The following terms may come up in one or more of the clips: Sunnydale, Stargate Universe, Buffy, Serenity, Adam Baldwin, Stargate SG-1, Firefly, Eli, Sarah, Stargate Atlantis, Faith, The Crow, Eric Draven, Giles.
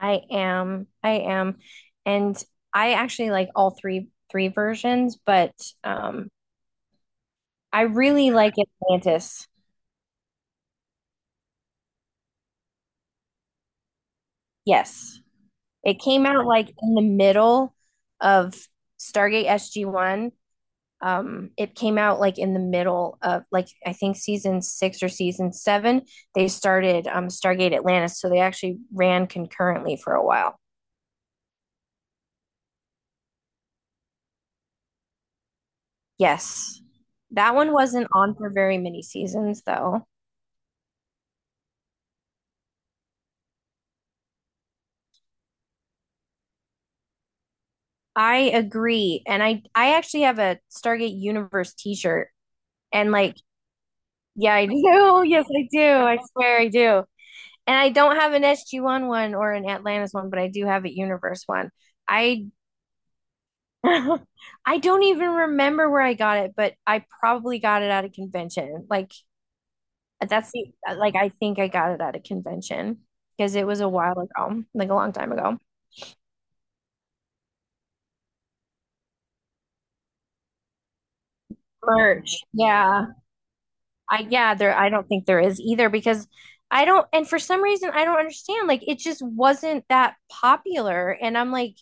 I am. I am. And I actually like all three versions, but um I really like Atlantis. Yes. It came out like in the middle of Stargate SG-1. It came out like in the middle of like I think season 6 or season 7 they started Stargate Atlantis, so they actually ran concurrently for a while. Yes. That one wasn't on for very many seasons though. I agree. And I actually have a Stargate Universe t-shirt. And like, yeah, I do. Yes, I do. I swear I do. And I don't have an SG-1 one or an Atlantis one, but I do have a Universe one. I I don't even remember where I got it, but I probably got it at a convention. Like that's the like I think I got it at a convention because it was a while ago, like a long time ago. Merch. Yeah. I don't think there is either because I don't and for some reason I don't understand like it just wasn't that popular and I'm like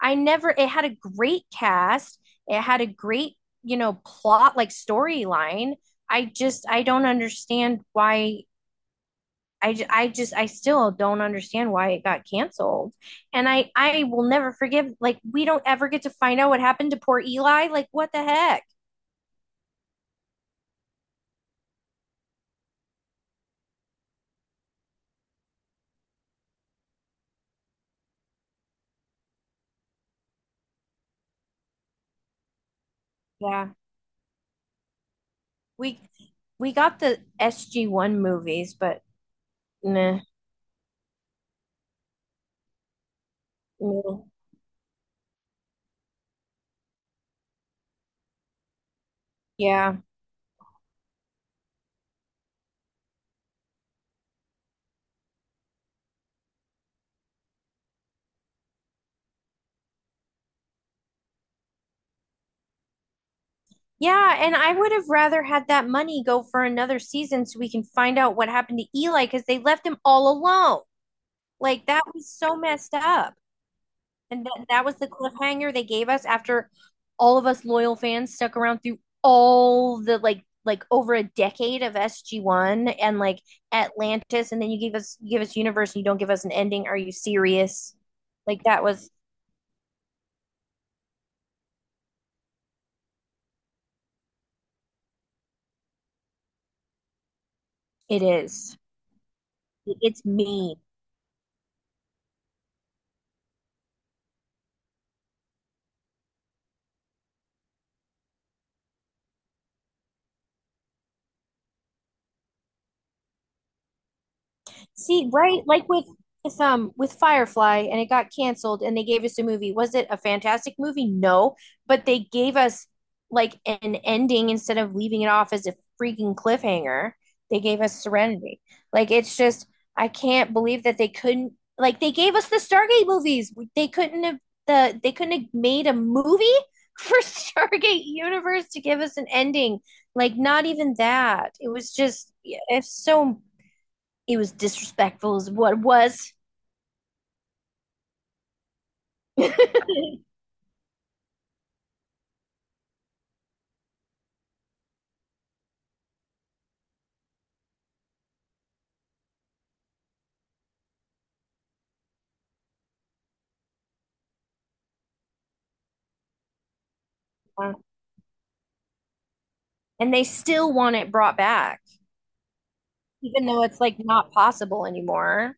I never it had a great cast, it had a great, you know, plot like storyline. I don't understand why I, ju- I just I still don't understand why it got canceled. And I will never forgive like we don't ever get to find out what happened to poor Eli. Like what the heck? Yeah. We we got the SG-1 movies, but nah, no. Yeah. Yeah, and I would have rather had that money go for another season so we can find out what happened to Eli because they left him all alone. Like that was so messed up. And that was the cliffhanger they gave us after all of us loyal fans stuck around through all the like over a decade of SG-1 and like Atlantis and then you give us universe and you don't give us an ending. Are you serious? Like that was. It is. It's me. See, right? Like with Firefly and it got canceled and they gave us a movie. Was it a fantastic movie? No, but they gave us like an ending instead of leaving it off as a freaking cliffhanger. They gave us Serenity. Like it's just I can't believe that they couldn't like they gave us the Stargate movies. They couldn't have they couldn't have made a movie for Stargate Universe to give us an ending. Like not even that. It was just yeah, it's so it was disrespectful as what it was, and they still want it brought back even though it's like not possible anymore.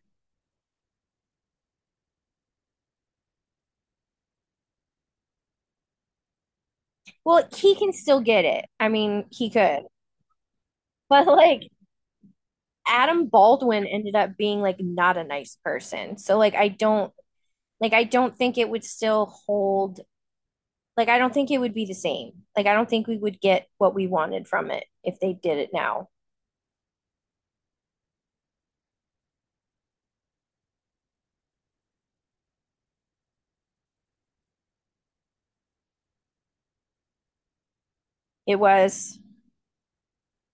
Well, he can still get it. I mean, he could but like Adam Baldwin ended up being like not a nice person, so like I don't think it would still hold. Like I don't think it would be the same. Like I don't think we would get what we wanted from it if they did it now. It was,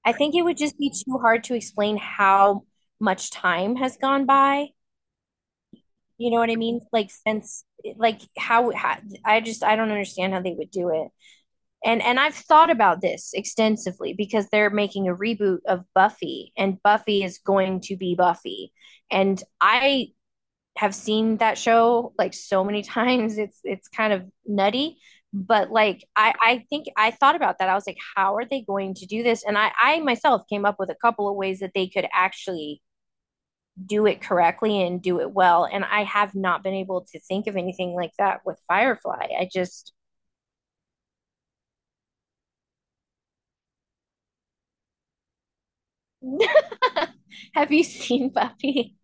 I think it would just be too hard to explain how much time has gone by. You know what I mean? Like since like how I just I don't understand how they would do it. And I've thought about this extensively because they're making a reboot of Buffy, and Buffy is going to be Buffy. And I have seen that show like so many times. It's kind of nutty, but like I think I thought about that. I was like, how are they going to do this? And I myself came up with a couple of ways that they could actually do it correctly and do it well. And I have not been able to think of anything like that with Firefly. I just have you seen Buffy?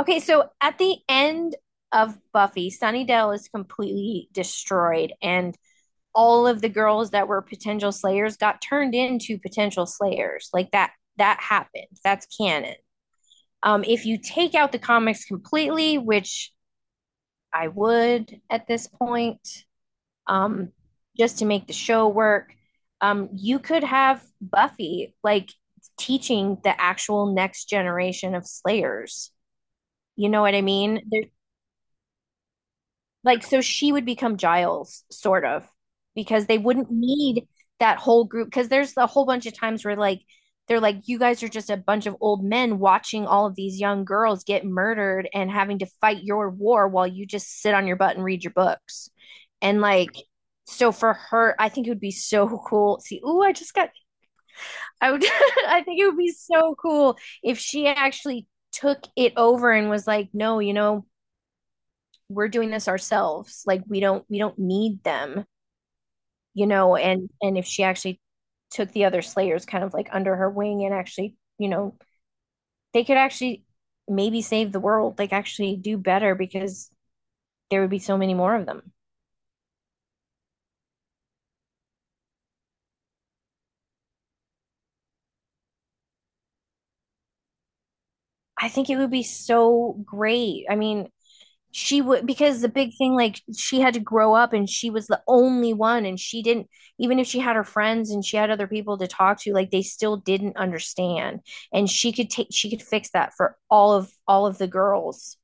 Okay, so at the end of Buffy, Sunnydale is completely destroyed, and all of the girls that were potential slayers got turned into potential slayers. Like that happened. That's canon. If you take out the comics completely, which I would at this point, um, just to make the show work. You could have Buffy like teaching the actual next generation of Slayers. You know what I mean? Like, so she would become Giles, sort of, because they wouldn't need that whole group. Because there's a whole bunch of times where, like, they're like, you guys are just a bunch of old men watching all of these young girls get murdered and having to fight your war while you just sit on your butt and read your books. And, like, so for her, I think it would be so cool. See, ooh, I just got, I would, I think it would be so cool if she actually took it over and was like, no, you know, we're doing this ourselves. Like we don't need them, you know. And if she actually took the other slayers kind of like under her wing and actually, you know, they could actually maybe save the world, like actually do better because there would be so many more of them. I think it would be so great. I mean, she would, because the big thing, like she had to grow up and she was the only one, and she didn't, even if she had her friends and she had other people to talk to, like they still didn't understand. And she could fix that for all of the girls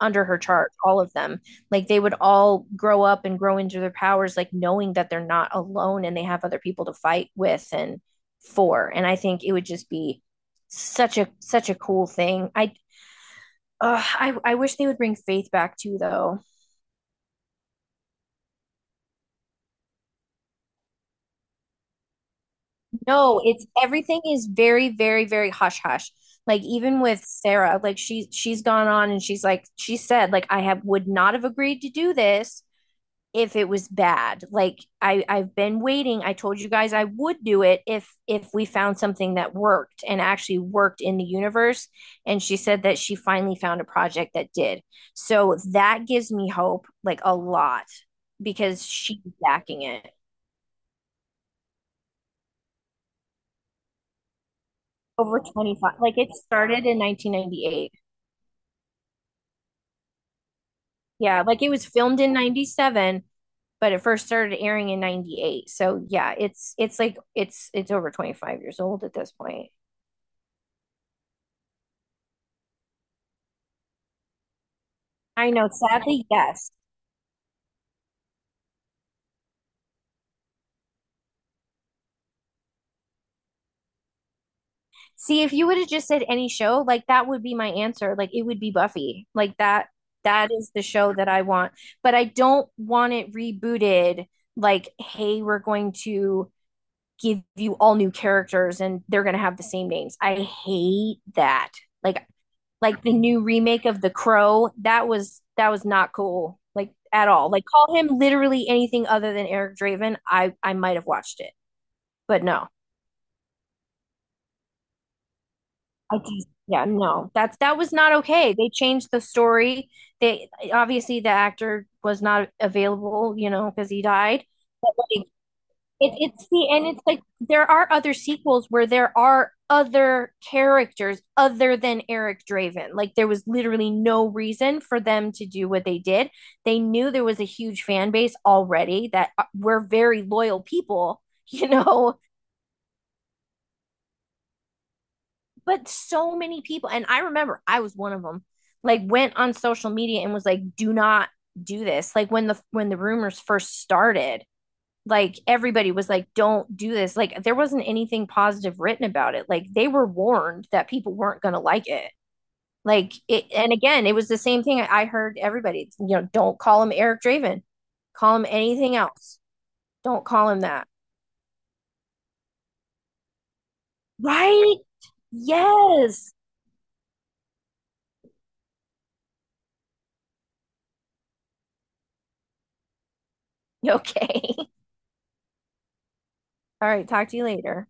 under her chart, all of them. Like they would all grow up and grow into their powers, like knowing that they're not alone and they have other people to fight with and for. And I think it would just be such a cool thing. I wish they would bring faith back too though. No, it's, everything is very, very, very hush hush. Like even with Sarah, like she's gone on and she's like she said like I have would not have agreed to do this if it was bad. Like I've been waiting. I told you guys I would do it if we found something that worked and actually worked in the universe. And she said that she finally found a project that did. So that gives me hope, like a lot, because she's backing it over 25, like it started in 1998. Yeah, like it was filmed in 97, but it first started airing in 98. So yeah, it's like it's over 25 years old at this point. I know, sadly, yes. See, if you would have just said any show, like that would be my answer. Like it would be Buffy. Like that is the show that I want. But I don't want it rebooted like, hey, we're going to give you all new characters and they're going to have the same names. I hate that. Like like the new remake of The Crow, that was not cool, like at all. Like call him literally anything other than Eric Draven, I might have watched it, but no, I just yeah no, that was not okay. They changed the story. They obviously, the actor was not available, you know, because he died. But like it's like there are other sequels where there are other characters other than Eric Draven. Like there was literally no reason for them to do what they did. They knew there was a huge fan base already that were very loyal people, you know. But so many people, and I remember I was one of them. Like went on social media and was like, "Do not do this." Like when the rumors first started, like everybody was like, don't do this. Like there wasn't anything positive written about it. Like they were warned that people weren't going to like it. And again, it was the same thing. I heard everybody, you know, don't call him Eric Draven, call him anything else, don't call him that. Right. Yes. Okay. All right, talk to you later.